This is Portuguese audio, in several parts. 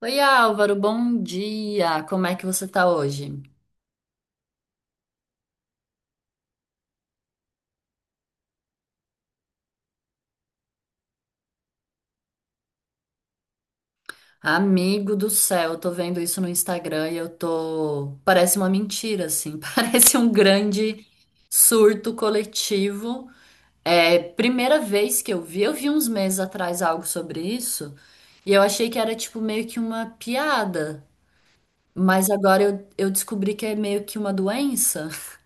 Oi, Álvaro, bom dia. Como é que você tá hoje? Amigo do céu, eu tô vendo isso no Instagram e eu tô. Parece uma mentira, assim. Parece um grande surto coletivo. É, primeira vez que eu vi uns meses atrás algo sobre isso e eu achei que era tipo meio que uma piada, mas agora eu descobri que é meio que uma doença.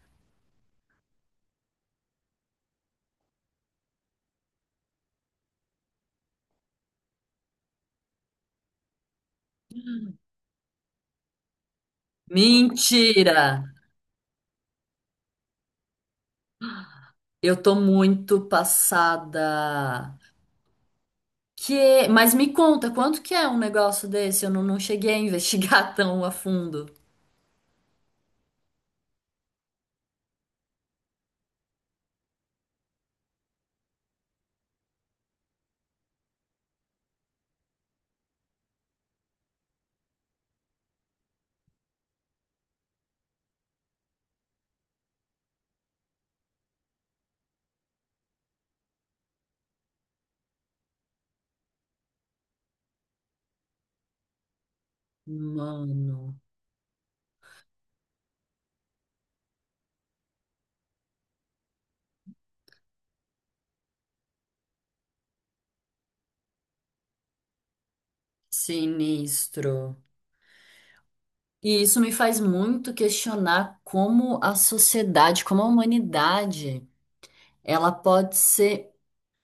Mentira! Eu tô muito passada. Que, mas me conta, quanto que é um negócio desse? Eu não cheguei a investigar tão a fundo. Mano, sinistro. E isso me faz muito questionar como a sociedade, como a humanidade, ela pode ser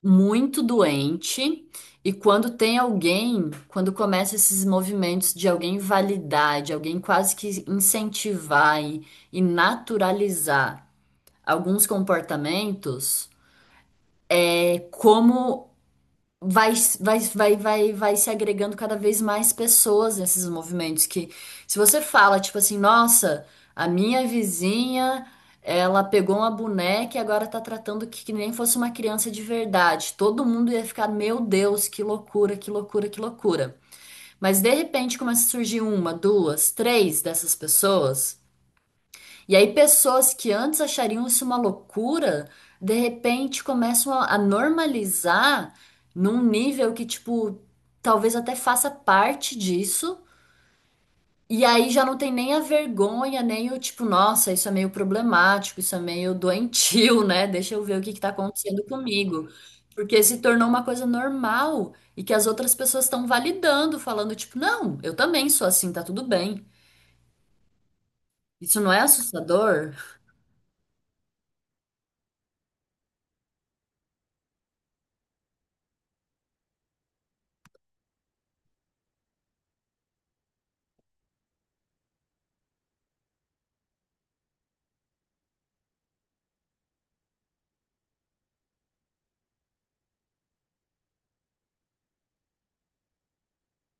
muito doente. E quando tem alguém, quando começa esses movimentos de alguém validar, de alguém quase que incentivar e naturalizar alguns comportamentos, é como vai, vai, vai, vai, vai se agregando cada vez mais pessoas nesses movimentos que se você fala, tipo assim, nossa, a minha vizinha, ela pegou uma boneca e agora tá tratando que nem fosse uma criança de verdade. Todo mundo ia ficar, meu Deus, que loucura, que loucura, que loucura. Mas de repente começa a surgir uma, duas, três dessas pessoas e aí, pessoas que antes achariam isso uma loucura, de repente começam a normalizar num nível que, tipo, talvez até faça parte disso. E aí já não tem nem a vergonha, nem o tipo, nossa, isso é meio problemático, isso é meio doentio, né? Deixa eu ver o que que tá acontecendo comigo. Porque se tornou uma coisa normal e que as outras pessoas estão validando, falando, tipo, não, eu também sou assim, tá tudo bem. Isso não é assustador?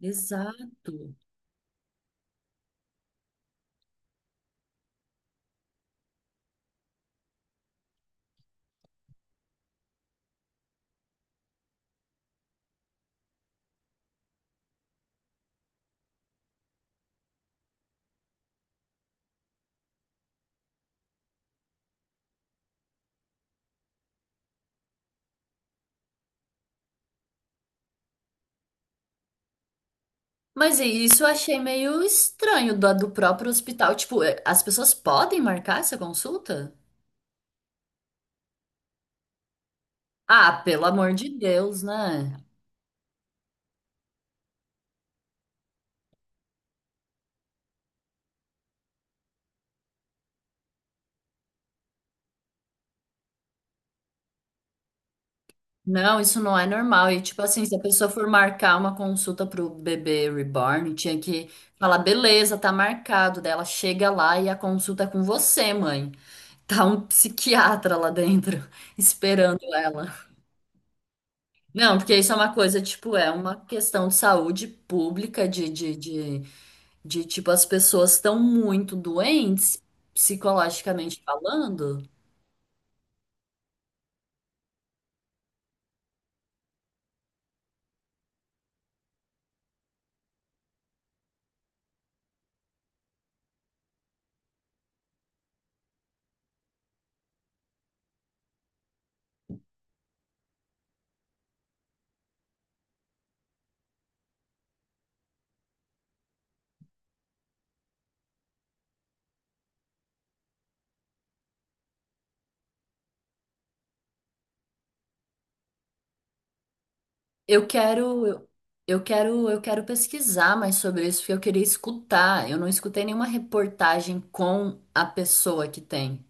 Exato. Mas isso eu achei meio estranho do, do próprio hospital. Tipo, é, as pessoas podem marcar essa consulta? Ah, pelo amor de Deus, né? Não, isso não é normal. E, tipo assim, se a pessoa for marcar uma consulta pro bebê reborn, tinha que falar, beleza, tá marcado. Daí ela chega lá e a consulta é com você, mãe. Tá um psiquiatra lá dentro, esperando ela. Não, porque isso é uma coisa, tipo, é uma questão de saúde pública, de tipo, as pessoas estão muito doentes, psicologicamente falando. Eu quero, eu, eu quero pesquisar mais sobre isso, porque eu queria escutar. Eu não escutei nenhuma reportagem com a pessoa que tem,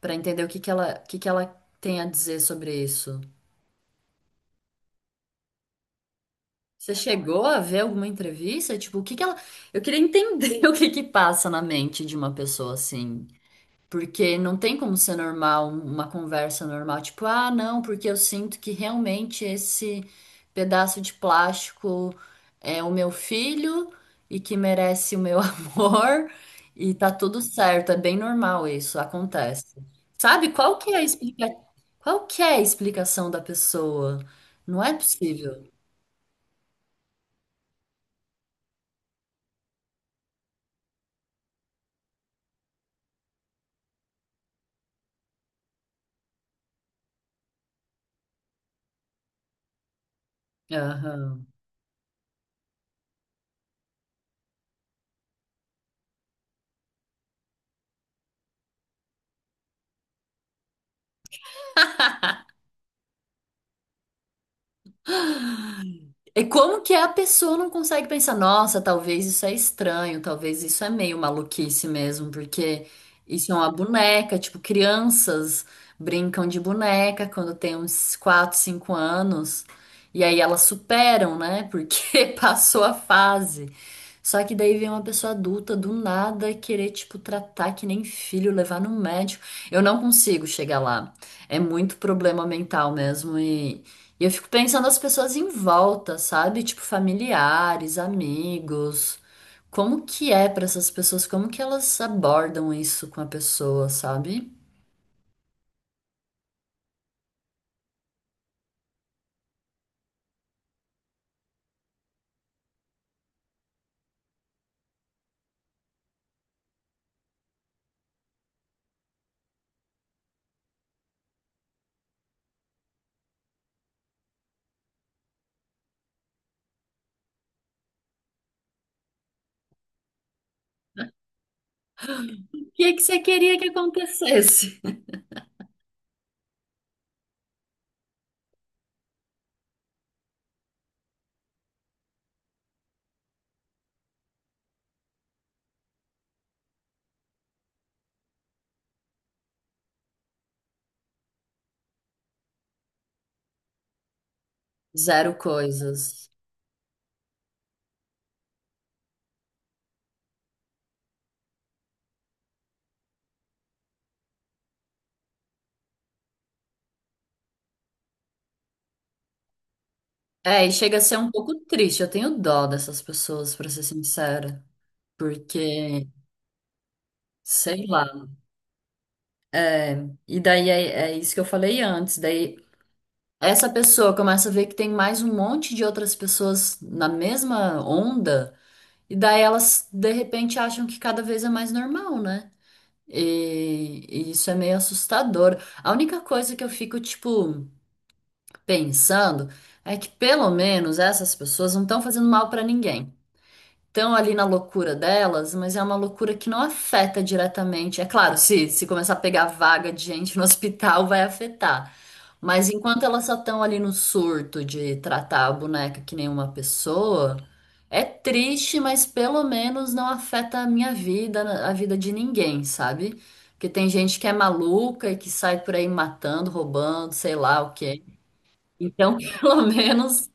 para entender o que que ela, o que que ela tem a dizer sobre isso. Você chegou a ver alguma entrevista? Tipo, o que que ela. Eu queria entender o que que passa na mente de uma pessoa assim. Porque não tem como ser normal, uma conversa normal, tipo, ah, não, porque eu sinto que realmente esse pedaço de plástico é o meu filho e que merece o meu amor e tá tudo certo, é bem normal isso, acontece. Sabe, qual que é a explica... qual que é a explicação da pessoa? Não é possível. Aham. E como que a pessoa não consegue pensar, nossa, talvez isso é estranho, talvez isso é meio maluquice mesmo, porque isso é uma boneca, tipo, crianças brincam de boneca quando tem uns 4, 5 anos, e aí elas superam, né? Porque passou a fase. Só que daí vem uma pessoa adulta do nada querer, tipo, tratar que nem filho, levar no médico. Eu não consigo chegar lá. É muito problema mental mesmo. E eu fico pensando as pessoas em volta, sabe? Tipo, familiares, amigos. Como que é pra essas pessoas? Como que elas abordam isso com a pessoa, sabe? O que que você queria que acontecesse? Zero coisas. É, e chega a ser um pouco triste. Eu tenho dó dessas pessoas, pra ser sincera. Porque Sei lá. E daí é, é isso que eu falei antes. Daí essa pessoa começa a ver que tem mais um monte de outras pessoas na mesma onda, e daí elas de repente acham que cada vez é mais normal, né? E isso é meio assustador. A única coisa que eu fico, tipo, pensando é que pelo menos essas pessoas não estão fazendo mal pra ninguém. Estão ali na loucura delas, mas é uma loucura que não afeta diretamente. É claro, se começar a pegar vaga de gente no hospital, vai afetar. Mas enquanto elas só estão ali no surto de tratar a boneca que nem uma pessoa, é triste, mas pelo menos não afeta a minha vida, a vida de ninguém, sabe? Porque tem gente que é maluca e que sai por aí matando, roubando, sei lá o quê. Então, pelo menos.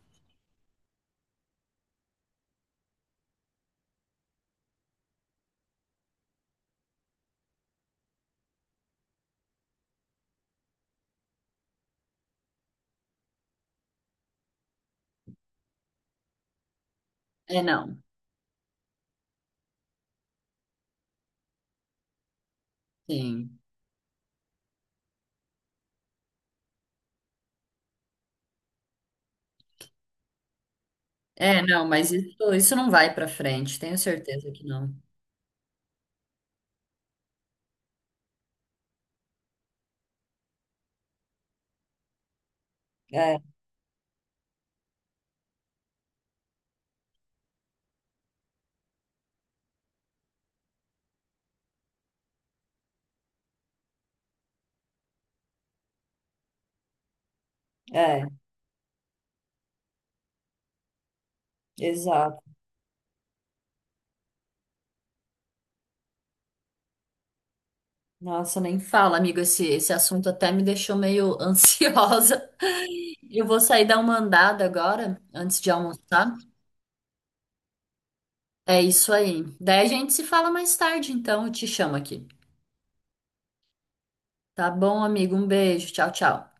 É, não. Sim. É, não, mas isso não vai pra frente, tenho certeza que não. É, é, exato. Nossa, nem fala, amigo, esse assunto até me deixou meio ansiosa. Eu vou sair dar uma andada agora, antes de almoçar. É isso aí. Daí a gente se fala mais tarde, então, eu te chamo aqui. Tá bom, amigo? Um beijo. Tchau, tchau.